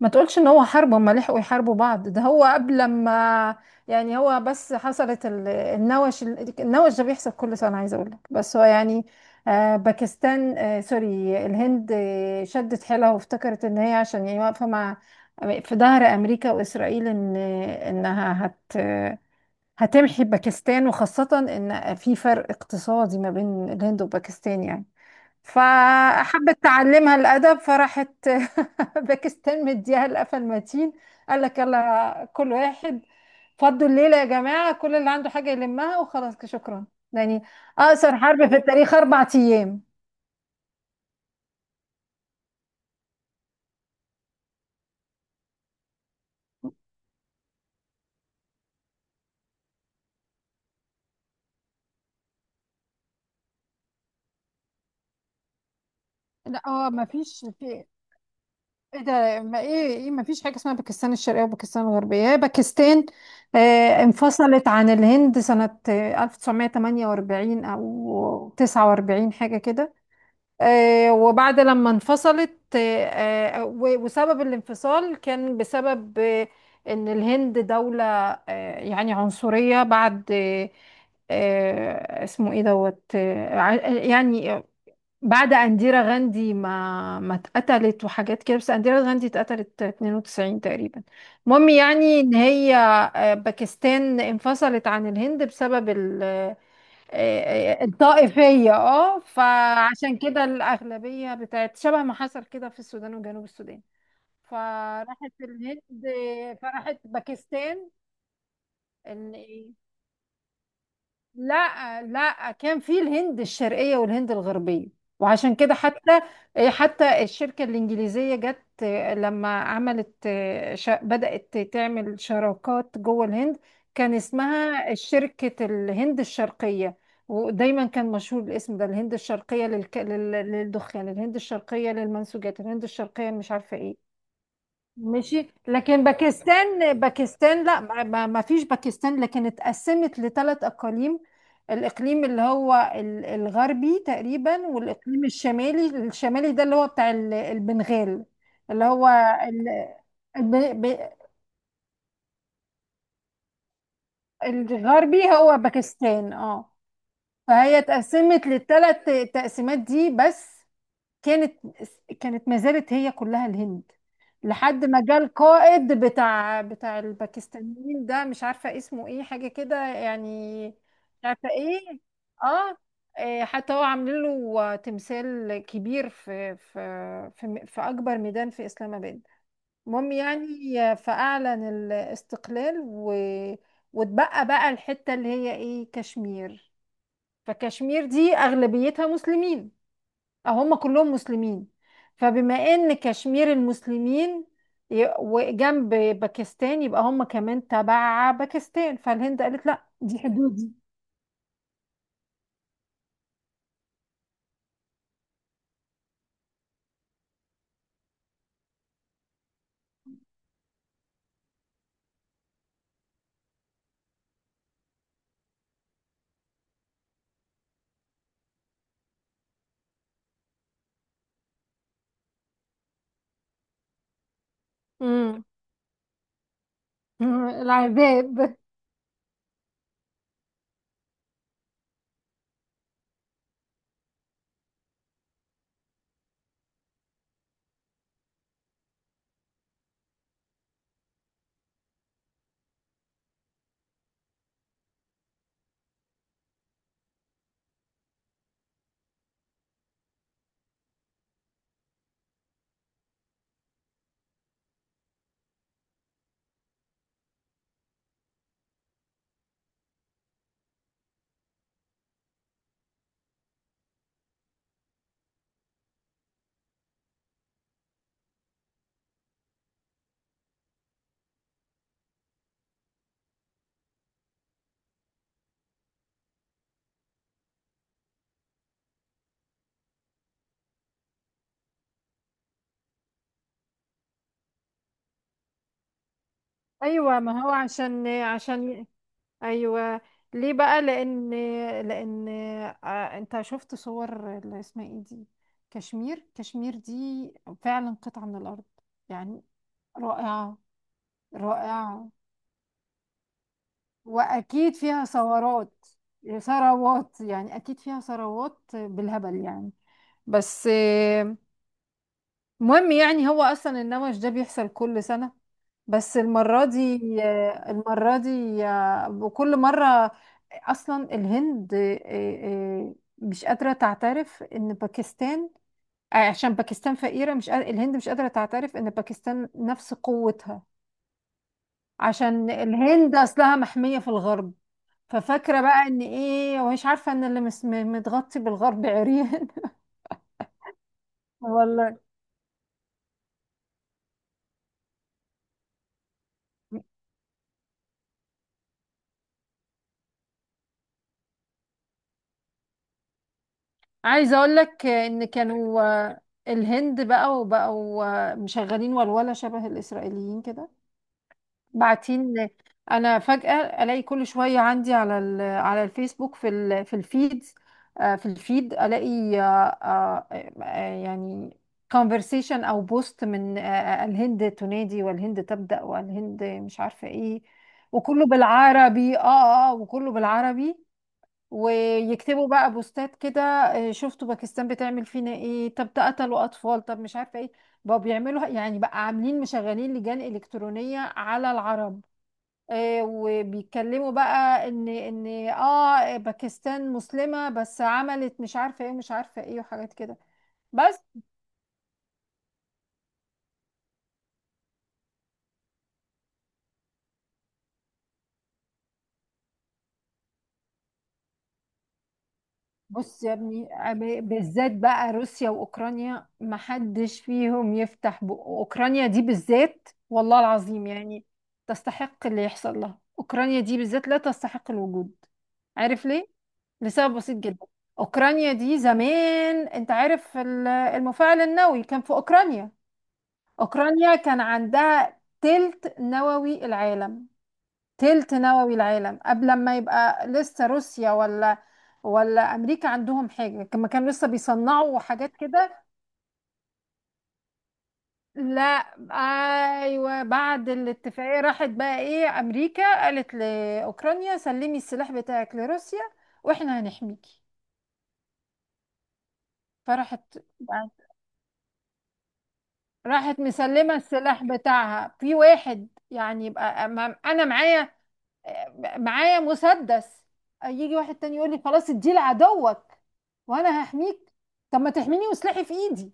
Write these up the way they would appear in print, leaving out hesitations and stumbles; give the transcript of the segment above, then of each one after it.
ما تقولش ان هو حرب هما لحقوا يحاربوا بعض. ده هو قبل ما يعني، هو بس حصلت النوش. النوش ده بيحصل كل سنة، عايزة اقول لك، بس هو يعني باكستان، سوري، الهند شدت حيلها وافتكرت ان هي عشان يعني واقفة مع، في ظهر امريكا واسرائيل، ان انها هت هتمحي باكستان، وخاصة ان في فرق اقتصادي ما بين الهند وباكستان يعني، فحبت تعلمها الأدب فراحت باكستان مديها القفا المتين. قال لك يلا كل واحد فضوا الليلة يا جماعة، كل اللي عنده حاجة يلمها وخلاص كده، شكرا يعني. أقصر حرب في التاريخ، أربع أيام. لا، هو ما فيش، في ايه ده ما ايه ايه ما فيش حاجة اسمها باكستان الشرقية وباكستان الغربية، هي باكستان. آه، انفصلت عن الهند سنة 1948 أو 49 حاجة كده. وبعد لما انفصلت، وسبب الانفصال كان بسبب ان الهند دولة، يعني عنصرية بعد اسمه ايه دوت، يعني بعد انديرا غاندي ما اتقتلت وحاجات كده. بس انديرا غاندي اتقتلت 92 تقريبا. المهم يعني ان هي باكستان انفصلت عن الهند بسبب الطائفية. اه، فعشان كده الأغلبية بتاعت، شبه ما حصل كده في السودان وجنوب السودان. فراحت الهند، فراحت باكستان. لا لا، كان في الهند الشرقية والهند الغربية، وعشان كده حتى، إيه، حتى الشركة الإنجليزية جت لما عملت، بدأت تعمل شراكات جوه الهند. كان اسمها شركة الهند الشرقية، ودايما كان مشهور الاسم ده، الهند الشرقية للدخان، الهند الشرقية للمنسوجات، الهند الشرقية مش عارفة ايه. ماشي، لكن باكستان، باكستان لا، ما فيش باكستان، لكن اتقسمت لثلاث اقاليم. الاقليم اللي هو الغربي تقريبا، والاقليم الشمالي. الشمالي ده اللي هو بتاع البنغال، اللي هو ال- الب- ب- الغربي هو باكستان اه. فهي اتقسمت للثلاث تقسيمات دي بس، كانت، ما زالت هي كلها الهند، لحد ما جه القائد بتاع الباكستانيين ده، مش عارفة اسمه ايه حاجة كده يعني. مش عارفة ايه. اه، إيه، حتى هو عاملين له تمثال كبير في أكبر ميدان في إسلام آباد. المهم يعني، فأعلن الاستقلال و... واتبقى بقى الحتة اللي هي ايه، كشمير. فكشمير دي أغلبيتها مسلمين، هم كلهم مسلمين. فبما ان كشمير المسلمين، وجنب باكستان، يبقى هم كمان تبع باكستان. فالهند قالت لا، دي حدودي. امم العذاب. ايوه، ما هو عشان ايوه. ليه بقى؟ لان، لان انت شفت صور اللي اسمها ايه دي، كشمير. كشمير دي فعلا قطعة من الارض يعني، رائعة. رائعة، واكيد فيها ثورات، ثروات يعني. اكيد فيها ثروات بالهبل يعني. بس مهم يعني، هو اصلا النمش ده بيحصل كل سنة، بس المرة دي المرة دي وكل مرة، اصلا الهند مش قادرة تعترف ان باكستان عشان باكستان فقيرة، مش قادرة، الهند مش قادرة تعترف ان باكستان نفس قوتها، عشان الهند اصلها محمية في الغرب. ففاكرة بقى ان ايه، ومش عارفة ان اللي متغطي بالغرب عريان. والله. عايزة اقول لك ان كانوا الهند بقى وبقوا مشغلين ولولة شبه الاسرائيليين كده بعتين. انا فجأة الاقي كل شوية عندي على على الفيسبوك في الفيد، في الفيد الاقي آه، يعني conversation او بوست من الهند تنادي والهند تبدأ والهند مش عارفة ايه. وكله بالعربي، اه اه، وكله بالعربي. ويكتبوا بقى بوستات كده، شفتوا باكستان بتعمل فينا ايه، طب ده قتلوا اطفال، طب مش عارفة ايه. بقوا بيعملوا يعني، بقى عاملين مشغلين لجان إلكترونية على العرب. وبيتكلموا بقى ان اه باكستان مسلمة بس عملت مش عارفة ايه ومش عارفة ايه وحاجات كده بس. بص يا ابني، بالذات بقى روسيا واوكرانيا محدش فيهم يفتح بقه. اوكرانيا دي بالذات، والله العظيم يعني، تستحق اللي يحصل لها. اوكرانيا دي بالذات لا تستحق الوجود. عارف ليه؟ لسبب بسيط جدا، اوكرانيا دي زمان، انت عارف المفاعل النووي كان في اوكرانيا. أوكرانيا كان عندها تلت نووي العالم، قبل ما يبقى لسه روسيا، ولا أمريكا عندهم حاجة، كما كانوا لسه بيصنعوا حاجات كده. لا، أيوة، بعد الاتفاقية راحت بقى إيه، أمريكا قالت لأوكرانيا سلمي السلاح بتاعك لروسيا وإحنا هنحميكي. فراحت، راحت مسلمة السلاح بتاعها في واحد. يعني يبقى أنا معايا، مسدس، يجي واحد تاني يقول لي خلاص اديه لعدوك وانا هحميك. طب ما تحميني وسلاحي في ايدي.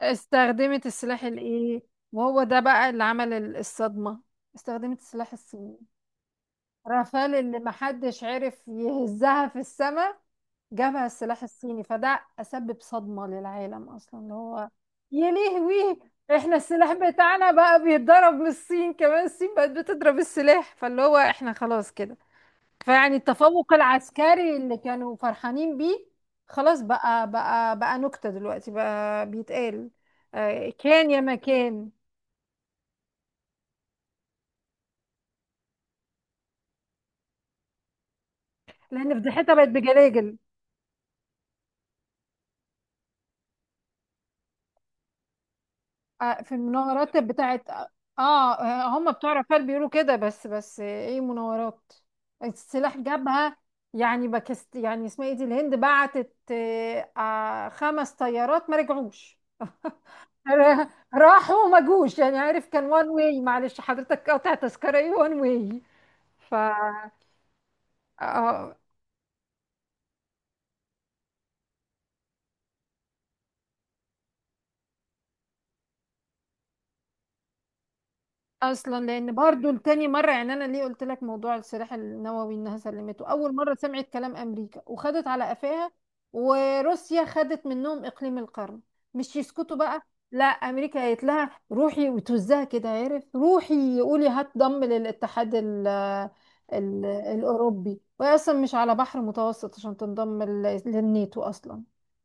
استخدمت السلاح الايه، وهو ده بقى اللي عمل الصدمة، استخدمت السلاح الصيني. رافال اللي محدش عرف يهزها في السماء، جابها السلاح الصيني. فده أسبب صدمة للعالم أصلا، اللي هو، يا لهوي، احنا السلاح بتاعنا بقى بيتضرب من الصين كمان. الصين بقت بتضرب السلاح، فاللي هو احنا خلاص كده. فيعني التفوق العسكري اللي كانوا فرحانين بيه، خلاص بقى، نكتة دلوقتي بقى بيتقال. كان يا ما كان. لأن فضيحتها بقت بجلاجل. في المناورات بتاعت اه، هم بتوع رافال بيقولوا كده بس، ايه مناورات، السلاح جابها. يعني باكست يعني اسمها ايه دي، الهند بعتت خمس طيارات ما رجعوش. راحوا وما جوش، يعني عارف، كان وان واي، معلش حضرتك قاطع تذكرة ايه، وان واي. ف اه اصلا لان برضو لتاني مره، يعني انا ليه قلت لك موضوع السلاح النووي، انها سلمته اول مره سمعت كلام امريكا وخدت على قفاها. وروسيا خدت منهم اقليم القرن، مش يسكتوا بقى. لا، امريكا قالت لها روحي وتوزها كده عارف، روحي قولي هتضم للاتحاد ال ال الاوروبي، وهي اصلا مش على بحر متوسط عشان تنضم للناتو اصلا.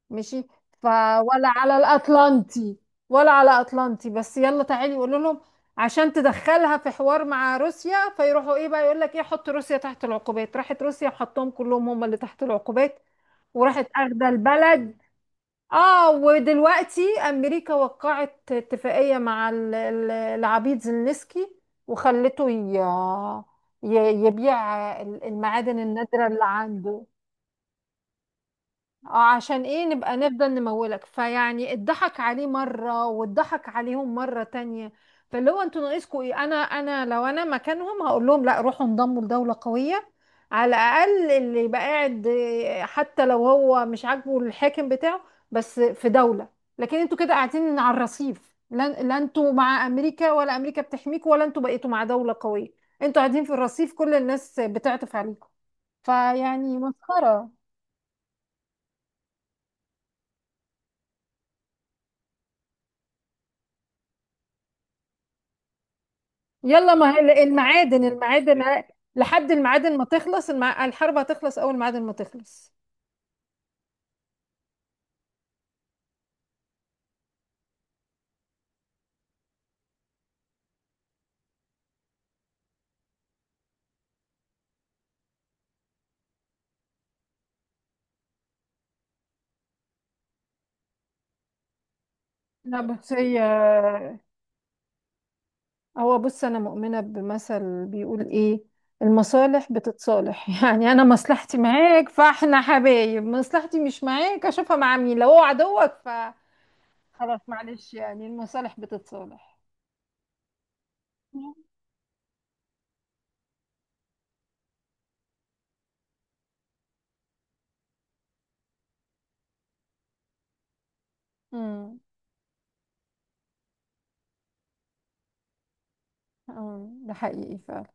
ماشي، ف ولا على الاطلنطي، ولا على اطلنطي. بس يلا تعالي قولوا لهم عشان تدخلها في حوار مع روسيا. فيروحوا ايه بقى، يقول لك ايه، حط روسيا تحت العقوبات. راحت روسيا وحطهم كلهم هم اللي تحت العقوبات، وراحت اخده البلد. اه، ودلوقتي امريكا وقعت اتفاقية مع العبيد زيلينسكي، وخلته يبيع المعادن النادرة اللي عنده. اه عشان ايه، نبقى نفضل نمولك. فيعني اتضحك عليه مرة واتضحك عليهم مرة تانية. فاللي هو انتوا ناقصكوا ايه، انا انا لو انا مكانهم هقول لهم لا، روحوا انضموا لدولة قوية. على الاقل اللي يبقى قاعد، حتى لو هو مش عاجبه الحاكم بتاعه، بس في دولة. لكن انتوا كده قاعدين على الرصيف، لا، انتوا مع امريكا ولا امريكا بتحميكوا، ولا انتوا بقيتوا مع دولة قوية. انتوا قاعدين في الرصيف، كل الناس بتعطف عليكم. فيعني مسخرة. يلا، ما هي المعادن، لحد المعادن ما تخلص الحرب هتخلص اول، معادن ما تخلص. لا بس هي، هو بص، انا مؤمنة بمثل بيقول ايه، المصالح بتتصالح. يعني انا مصلحتي معاك فاحنا حبايب، مصلحتي مش معاك اشوفها مع مين، لو هو عدوك فخلاص. معلش يعني، المصالح بتتصالح. امم، أمم، ده حقيقي.